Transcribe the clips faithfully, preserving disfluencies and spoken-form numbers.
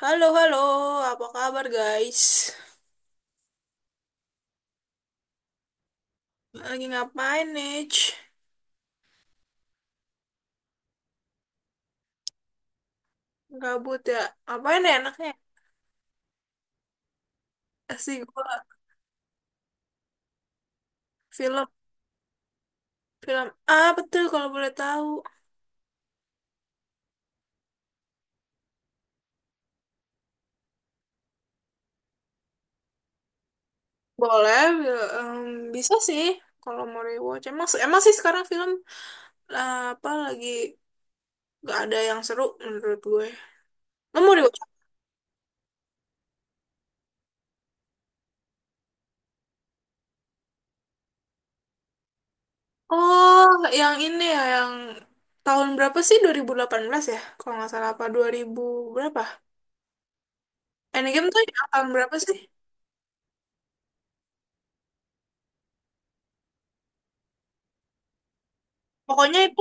Halo, halo, apa kabar guys? Lagi ngapain nih? Gabut ya? Ngapain ya enaknya? Kasih gue film, film apa tuh kalau boleh tahu? Boleh, bi- em, bisa sih kalau mau rewatch. Emang, emang sih sekarang film eh, apa lagi gak ada yang seru menurut gue. Lo mau rewatch? Oh, yang ini ya, yang tahun berapa sih? Dua ribu delapan belas ya? Kalau nggak salah apa dua ribu berapa? Endgame tuh yang tahun berapa sih? Pokoknya itu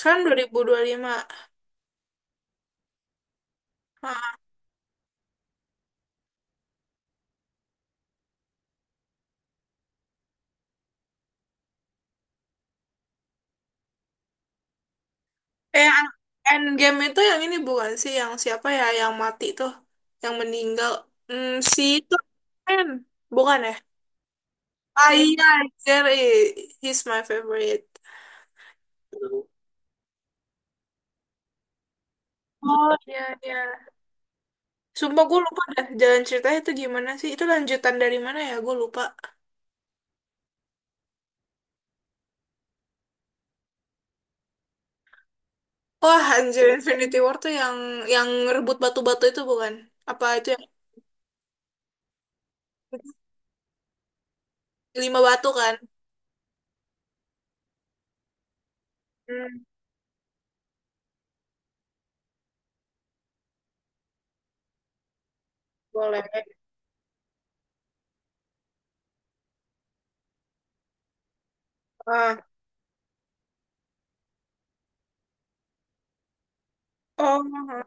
kan dua ribu dua puluh lima. Ah. Eh, Endgame itu yang ini bukan sih? Yang siapa ya? Yang mati tuh. Yang meninggal. Hmm, si itu. Ken. Bukan ya? Ah iya, Jerry. He's my favorite. Oh iya, iya. Sumpah gue lupa dah jalan ceritanya itu gimana sih? Itu lanjutan dari mana ya? Gue lupa. Wah, anjir Infinity War tuh yang yang rebut batu-batu itu bukan? Apa itu yang lima batu kan? Hmm, boleh. Ah. Oh.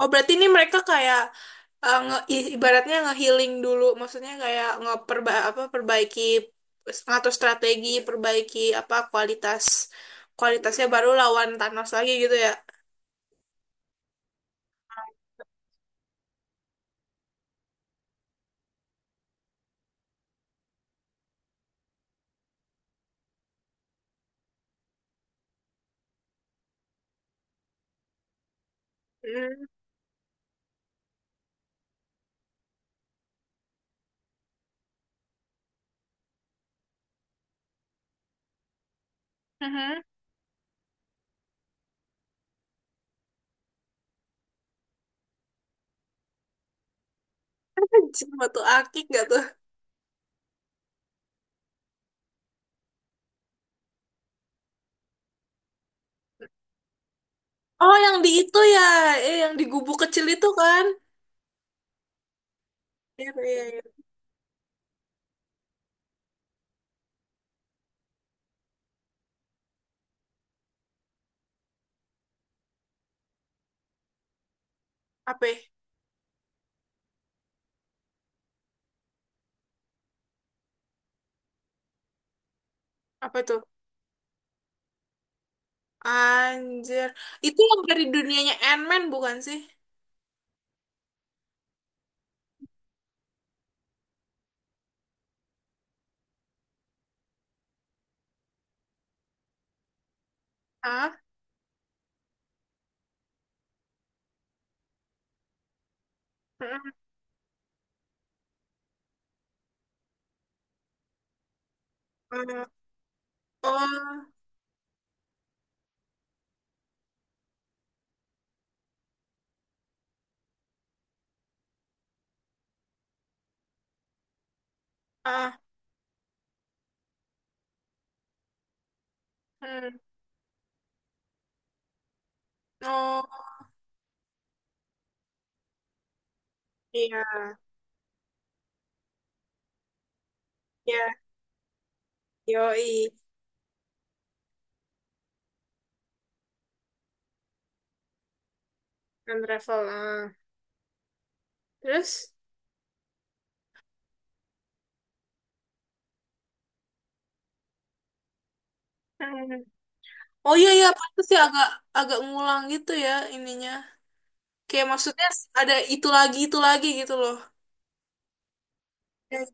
Oh, berarti ini mereka kayak eh, nge i- ibaratnya nge-healing dulu, maksudnya kayak ngeperba apa perbaiki ngatur strategi, perbaiki apa kualitas kualitasnya baru lawan Thanos lagi gitu ya. Hmm. Mhm. Anjing, batu akik gak tuh? Oh, yang di itu ya, eh, yang di gubuk kecil itu kan? Iya, iya, iya, iya. Apa? Ya? Apa itu? Anjir. Itu yang dari dunianya Ant-Man bukan sih? Ah? Mm-mm. Eh. Oh. Ah. Hmm. Oh iya iya yoi time travel ah. Terus. Hmm. Oh iya iya pantas sih agak agak ngulang gitu ya ininya kayak maksudnya ada itu lagi itu lagi gitu loh. Yes.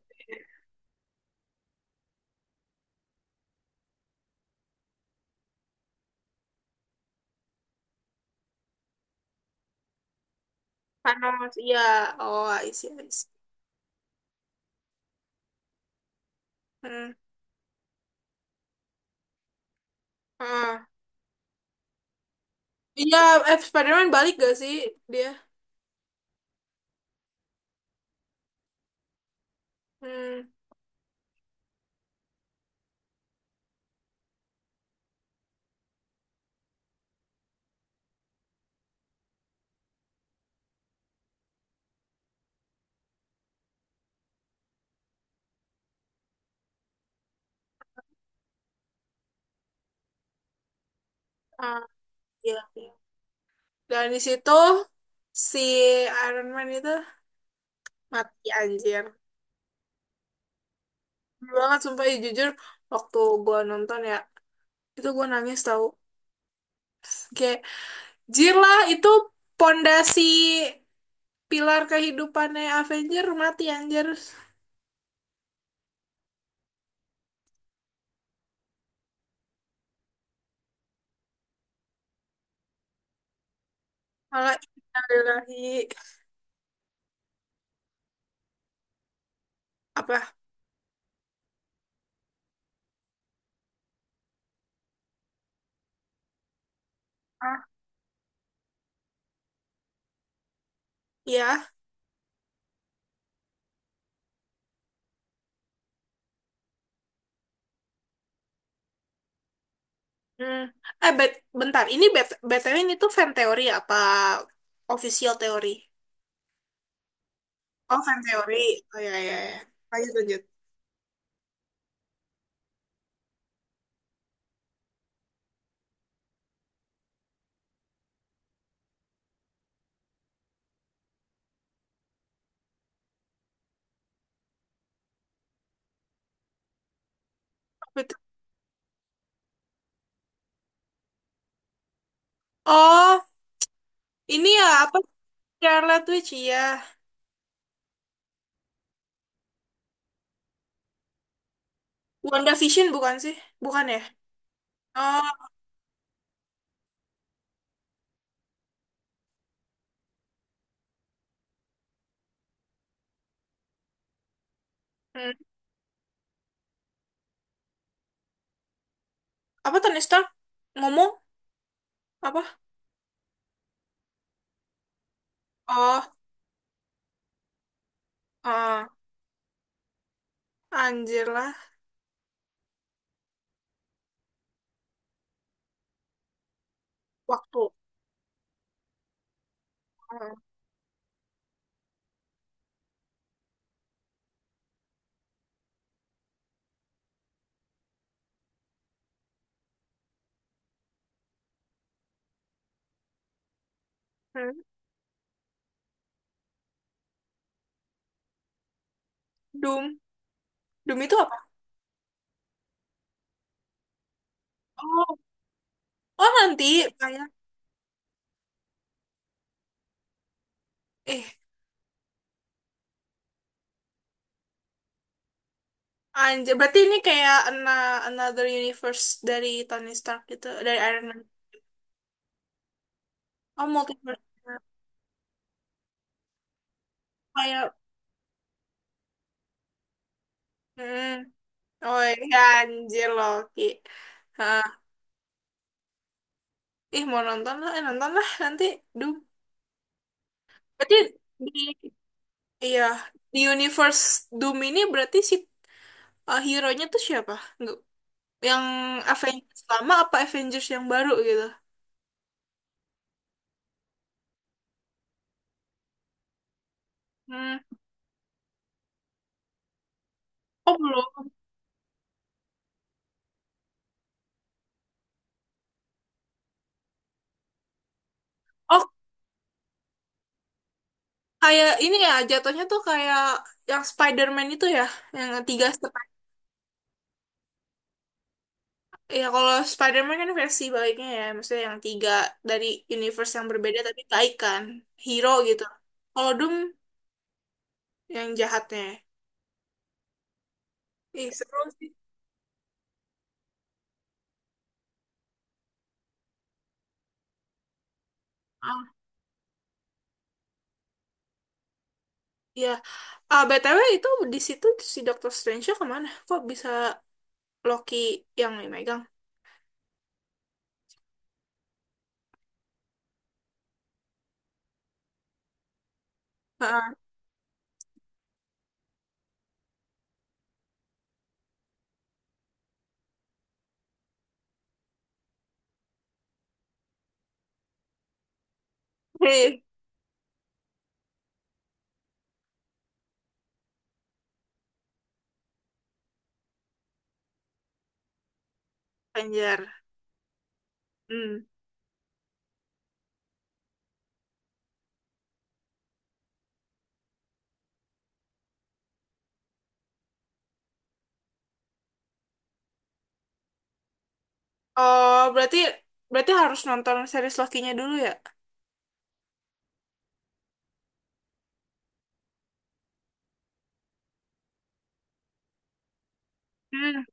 Thanos iya oh I see, I see. Hmm. Ah. Iya. eh Spiderman balik gak sih dia? Hmm. Ah, iya iya. Dan di situ si Iron Man itu mati anjir. Bener banget sumpah ya, jujur waktu gua nonton ya itu gua nangis tahu. Oke. Jirlah itu pondasi pilar kehidupannya Avenger mati anjir. Malah innalillahi apa? Ah, ya. Hmm. Eh, bet- bentar. Ini bet- by the way ini tuh fan teori apa official teori? Oh, fan teori. Oh ya ya ya. Lanjut lanjut. Apa. Oh, ini ya apa Scarlet Witch ya. WandaVision bukan sih? Bukan ya? Oh. Hmm. Apa Tony Stark ngomong apa? Oh. Ah. Anjir lah. Waktu. Hmm. Doom. Doom itu apa? Oh, oh nanti kayak eh anjir berarti ini kayak ana- another universe dari Tony Stark gitu, dari Iron Man. Oh, multiverse. Kayak. Hmm. Oh, iya, anjir Loki. Hah. Ih, mau nonton lah, eh, nonton lah nanti Doom. Berarti di, iya, di universe Doom ini berarti si eh, hero-nya tuh siapa? Nggak- Yang Avengers lama apa Avengers yang baru gitu? Hmm. Oh belum. Oh kayak ini ya jatuhnya tuh kayak yang Spider-Man itu ya, yang tiga Sp- ya kalau Spider-Man kan versi baiknya ya, maksudnya yang tiga dari universe yang berbeda tapi baik kan, hero gitu. Kalau Doom yang jahatnya. Ih seru sih. Ah iya. Ah B T W itu di situ si Doctor Strange kemana? Kok bisa Loki yang megang? Heeh. Hei, anjir. Hmm. Oh berarti berarti harus nonton series Loki-nya dulu ya? Hmm.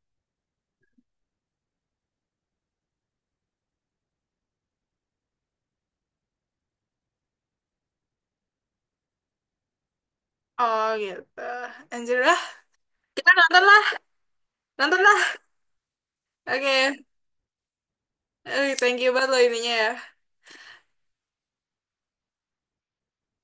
Oh gitu. Anjir lah. Kita nonton lah. Nonton lah. Oke. Eh, thank you banget loh ininya ya.